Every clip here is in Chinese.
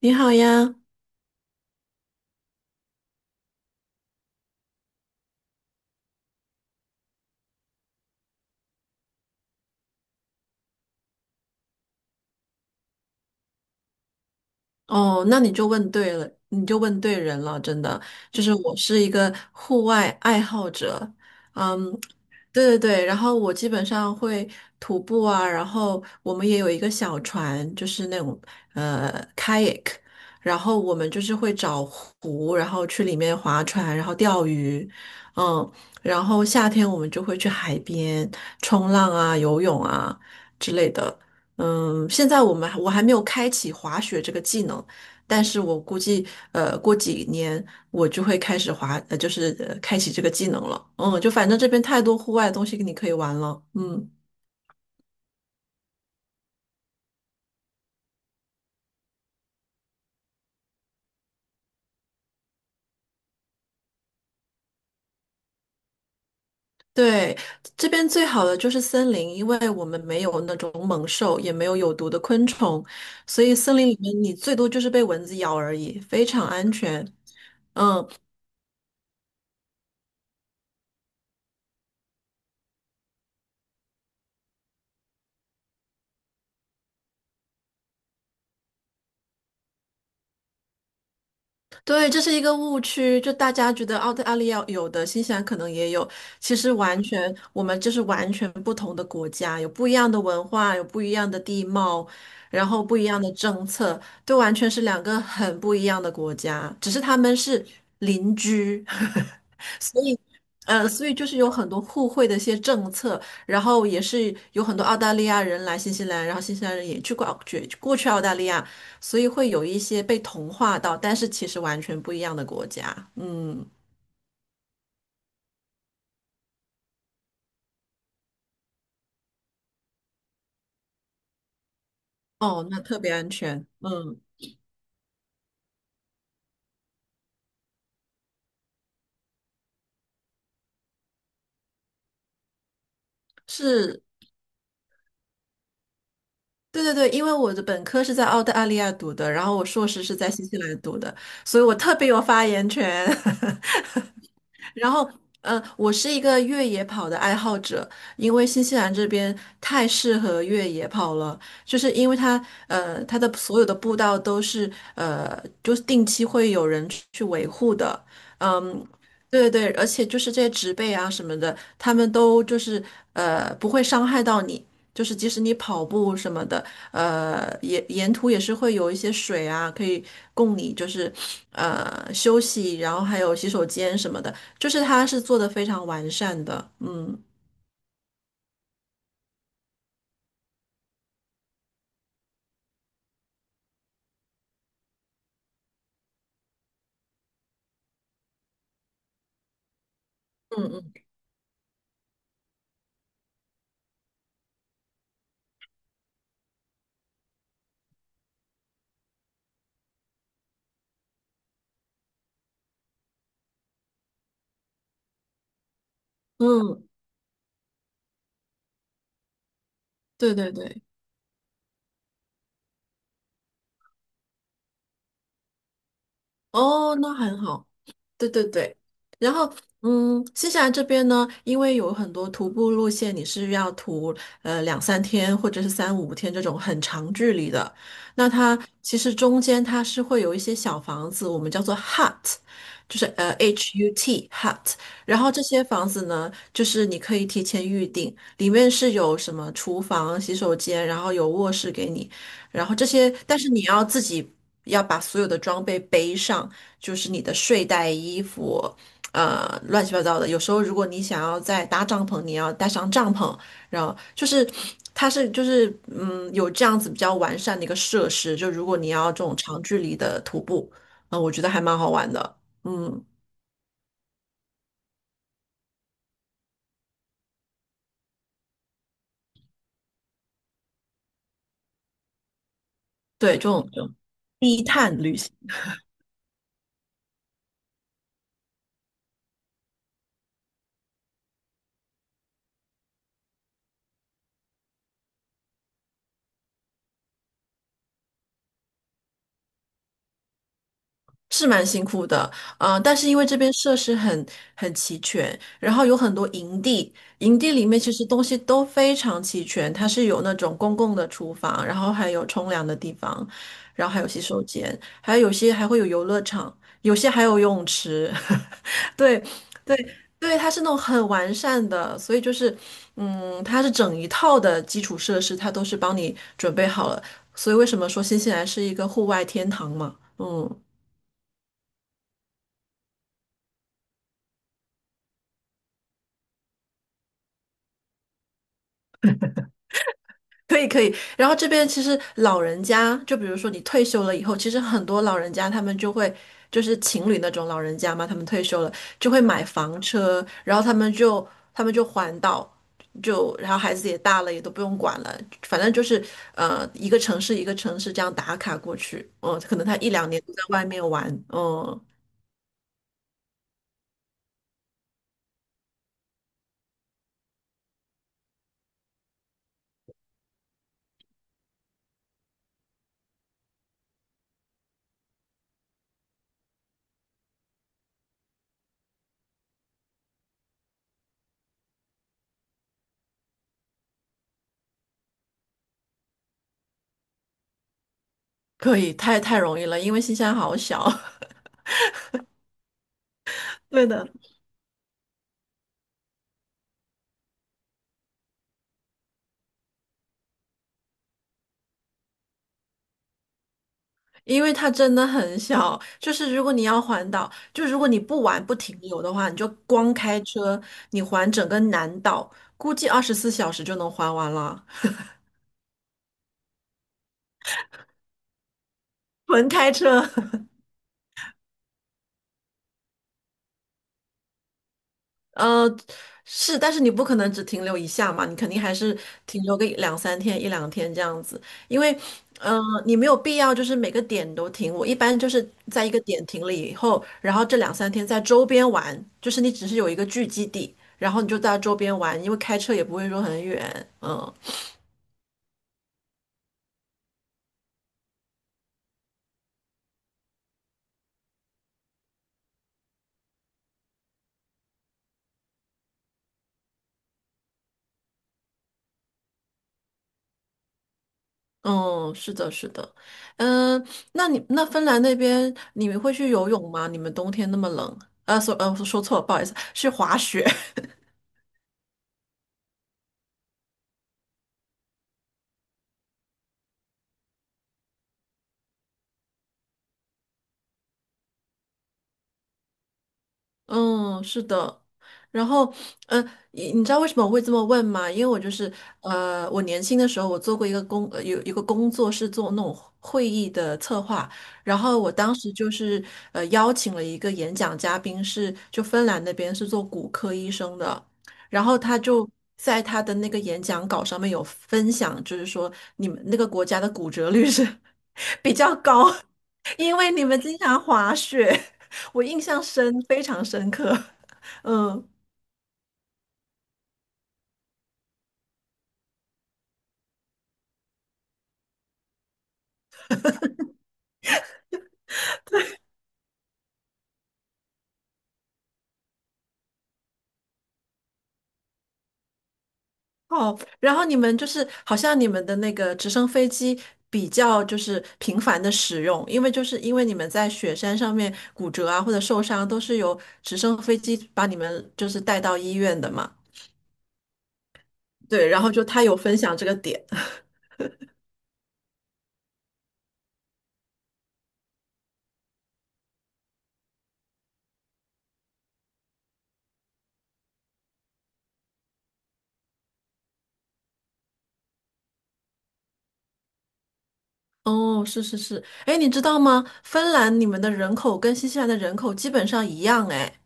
你好呀。哦，那你就问对了，你就问对人了，真的，就是我是一个户外爱好者。嗯，对对对，然后我基本上会徒步啊，然后我们也有一个小船，就是那种kayak,然后我们就是会找湖，然后去里面划船，然后钓鱼。嗯，然后夏天我们就会去海边冲浪啊、游泳啊之类的。嗯，现在我还没有开启滑雪这个技能，但是我估计过几年。我就会开始滑，就是开启这个技能了。嗯，就反正这边太多户外的东西你可以玩了。嗯，对，这边最好的就是森林，因为我们没有那种猛兽，也没有有毒的昆虫，所以森林里面你最多就是被蚊子咬而已，非常安全。嗯，对，这是一个误区，就大家觉得澳大利亚有的，新西兰可能也有，其实完全我们就是完全不同的国家，有不一样的文化，有不一样的地貌，然后不一样的政策，都完全是两个很不一样的国家，只是他们是邻居。所以就是有很多互惠的一些政策，然后也是有很多澳大利亚人来新西兰，然后新西兰人也去过澳去澳大利亚，所以会有一些被同化到，但是其实完全不一样的国家。嗯，哦，那特别安全。嗯，是，对对对，因为我的本科是在澳大利亚读的，然后我硕士是在新西兰读的，所以我特别有发言权。然后，我是一个越野跑的爱好者，因为新西兰这边太适合越野跑了，就是因为它，呃，它的所有的步道都是，呃，就是定期会有人去维护的。嗯，对对对，而且就是这些植被啊什么的，他们都就是，呃，不会伤害到你。就是即使你跑步什么的，呃，沿途也是会有一些水啊，可以供你就是，呃，休息，然后还有洗手间什么的。就是它是做的非常完善的。嗯嗯嗯嗯，对对对。哦，那很好。对对对，然后嗯，新西兰这边呢，因为有很多徒步路线，你是要徒两三天或者是三五天这种很长距离的，那它其实中间它是会有一些小房子，我们叫做 hut,就是HUT hut。然后这些房子呢，就是你可以提前预定，里面是有什么厨房、洗手间，然后有卧室给你。然后这些，但是你要自己要把所有的装备背上，就是你的睡袋、衣服，呃，乱七八糟的。有时候如果你想要再搭帐篷，你要带上帐篷，然后就是它是就是嗯有这样子比较完善的一个设施，就如果你要这种长距离的徒步。我觉得还蛮好玩的。嗯，对，这种低碳旅行。是蛮辛苦的。但是因为这边设施很齐全，然后有很多营地，营地里面其实东西都非常齐全，它是有那种公共的厨房，然后还有冲凉的地方，然后还有洗手间，还有有些还会有游乐场，有些还有游泳池。对对对，它是那种很完善的，所以就是，嗯，它是整一套的基础设施，它都是帮你准备好了，所以为什么说新西兰是一个户外天堂嘛？嗯。可以可以，然后这边其实老人家，就比如说你退休了以后，其实很多老人家他们就会就是情侣那种老人家嘛，他们退休了就会买房车，然后他们就环岛，就然后孩子也大了，也都不用管了，反正就是一个城市一个城市这样打卡过去。嗯，可能他一两年都在外面玩。嗯，可以，太容易了，因为新西兰好小。对的。因为它真的很小，就是如果你要环岛，就如果你不玩不停留的话，你就光开车，你环整个南岛，估计24小时就能环完了。纯开车。呃，是，但是你不可能只停留一下嘛，你肯定还是停留个一两三天、一两天这样子，因为，呃，你没有必要就是每个点都停。我一般就是在一个点停了以后，然后这两三天在周边玩，就是你只是有一个聚集地，然后你就在周边玩，因为开车也不会说很远。嗯嗯，是的，是的。嗯，那芬兰那边你们会去游泳吗？你们冬天那么冷，说错了，不好意思，去滑雪。嗯，是的。然后，呃，你你知道为什么我会这么问吗？因为我就是，我年轻的时候，我做过一个工，有一个工作是做那种会议的策划，然后我当时就是，邀请了一个演讲嘉宾是，就芬兰那边是做骨科医生的，然后他就在他的那个演讲稿上面有分享，就是说你们那个国家的骨折率是 比较高，因为你们经常滑雪。我印象非常深刻。嗯，哦，然后你们就是好像你们的那个直升飞机比较就是频繁的使用，因为就是因为你们在雪山上面骨折啊或者受伤，都是由直升飞机把你们就是带到医院的嘛。对，然后就他有分享这个点。哦，是是是，哎，你知道吗？芬兰你们的人口跟新西兰的人口基本上一样。哎，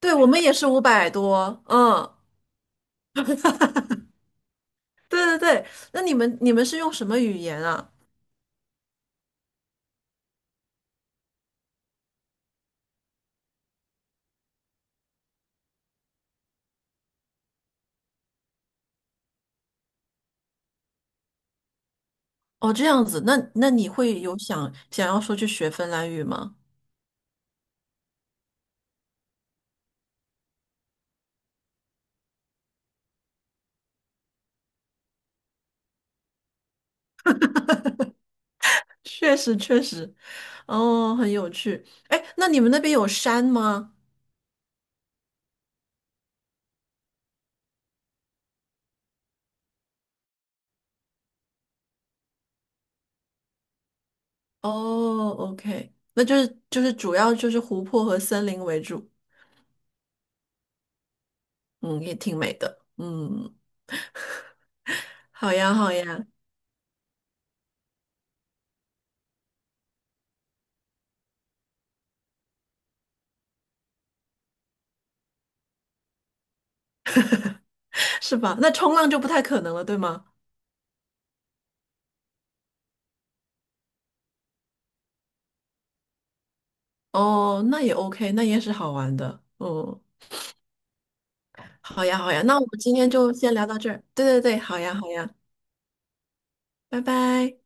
对，我们也是500多。嗯。对对对，那你们是用什么语言啊？哦，这样子，那那你会有想要说去学芬兰语吗？确实确实。哦，很有趣。哎，那你们那边有山吗？哦，OK,那就是就是主要就是湖泊和森林为主。嗯，也挺美的。嗯，好呀好呀。是吧？那冲浪就不太可能了，对吗？哦，那也 OK,那也是好玩的。嗯，好呀好呀，那我们今天就先聊到这儿。对对对，好呀好呀。拜拜。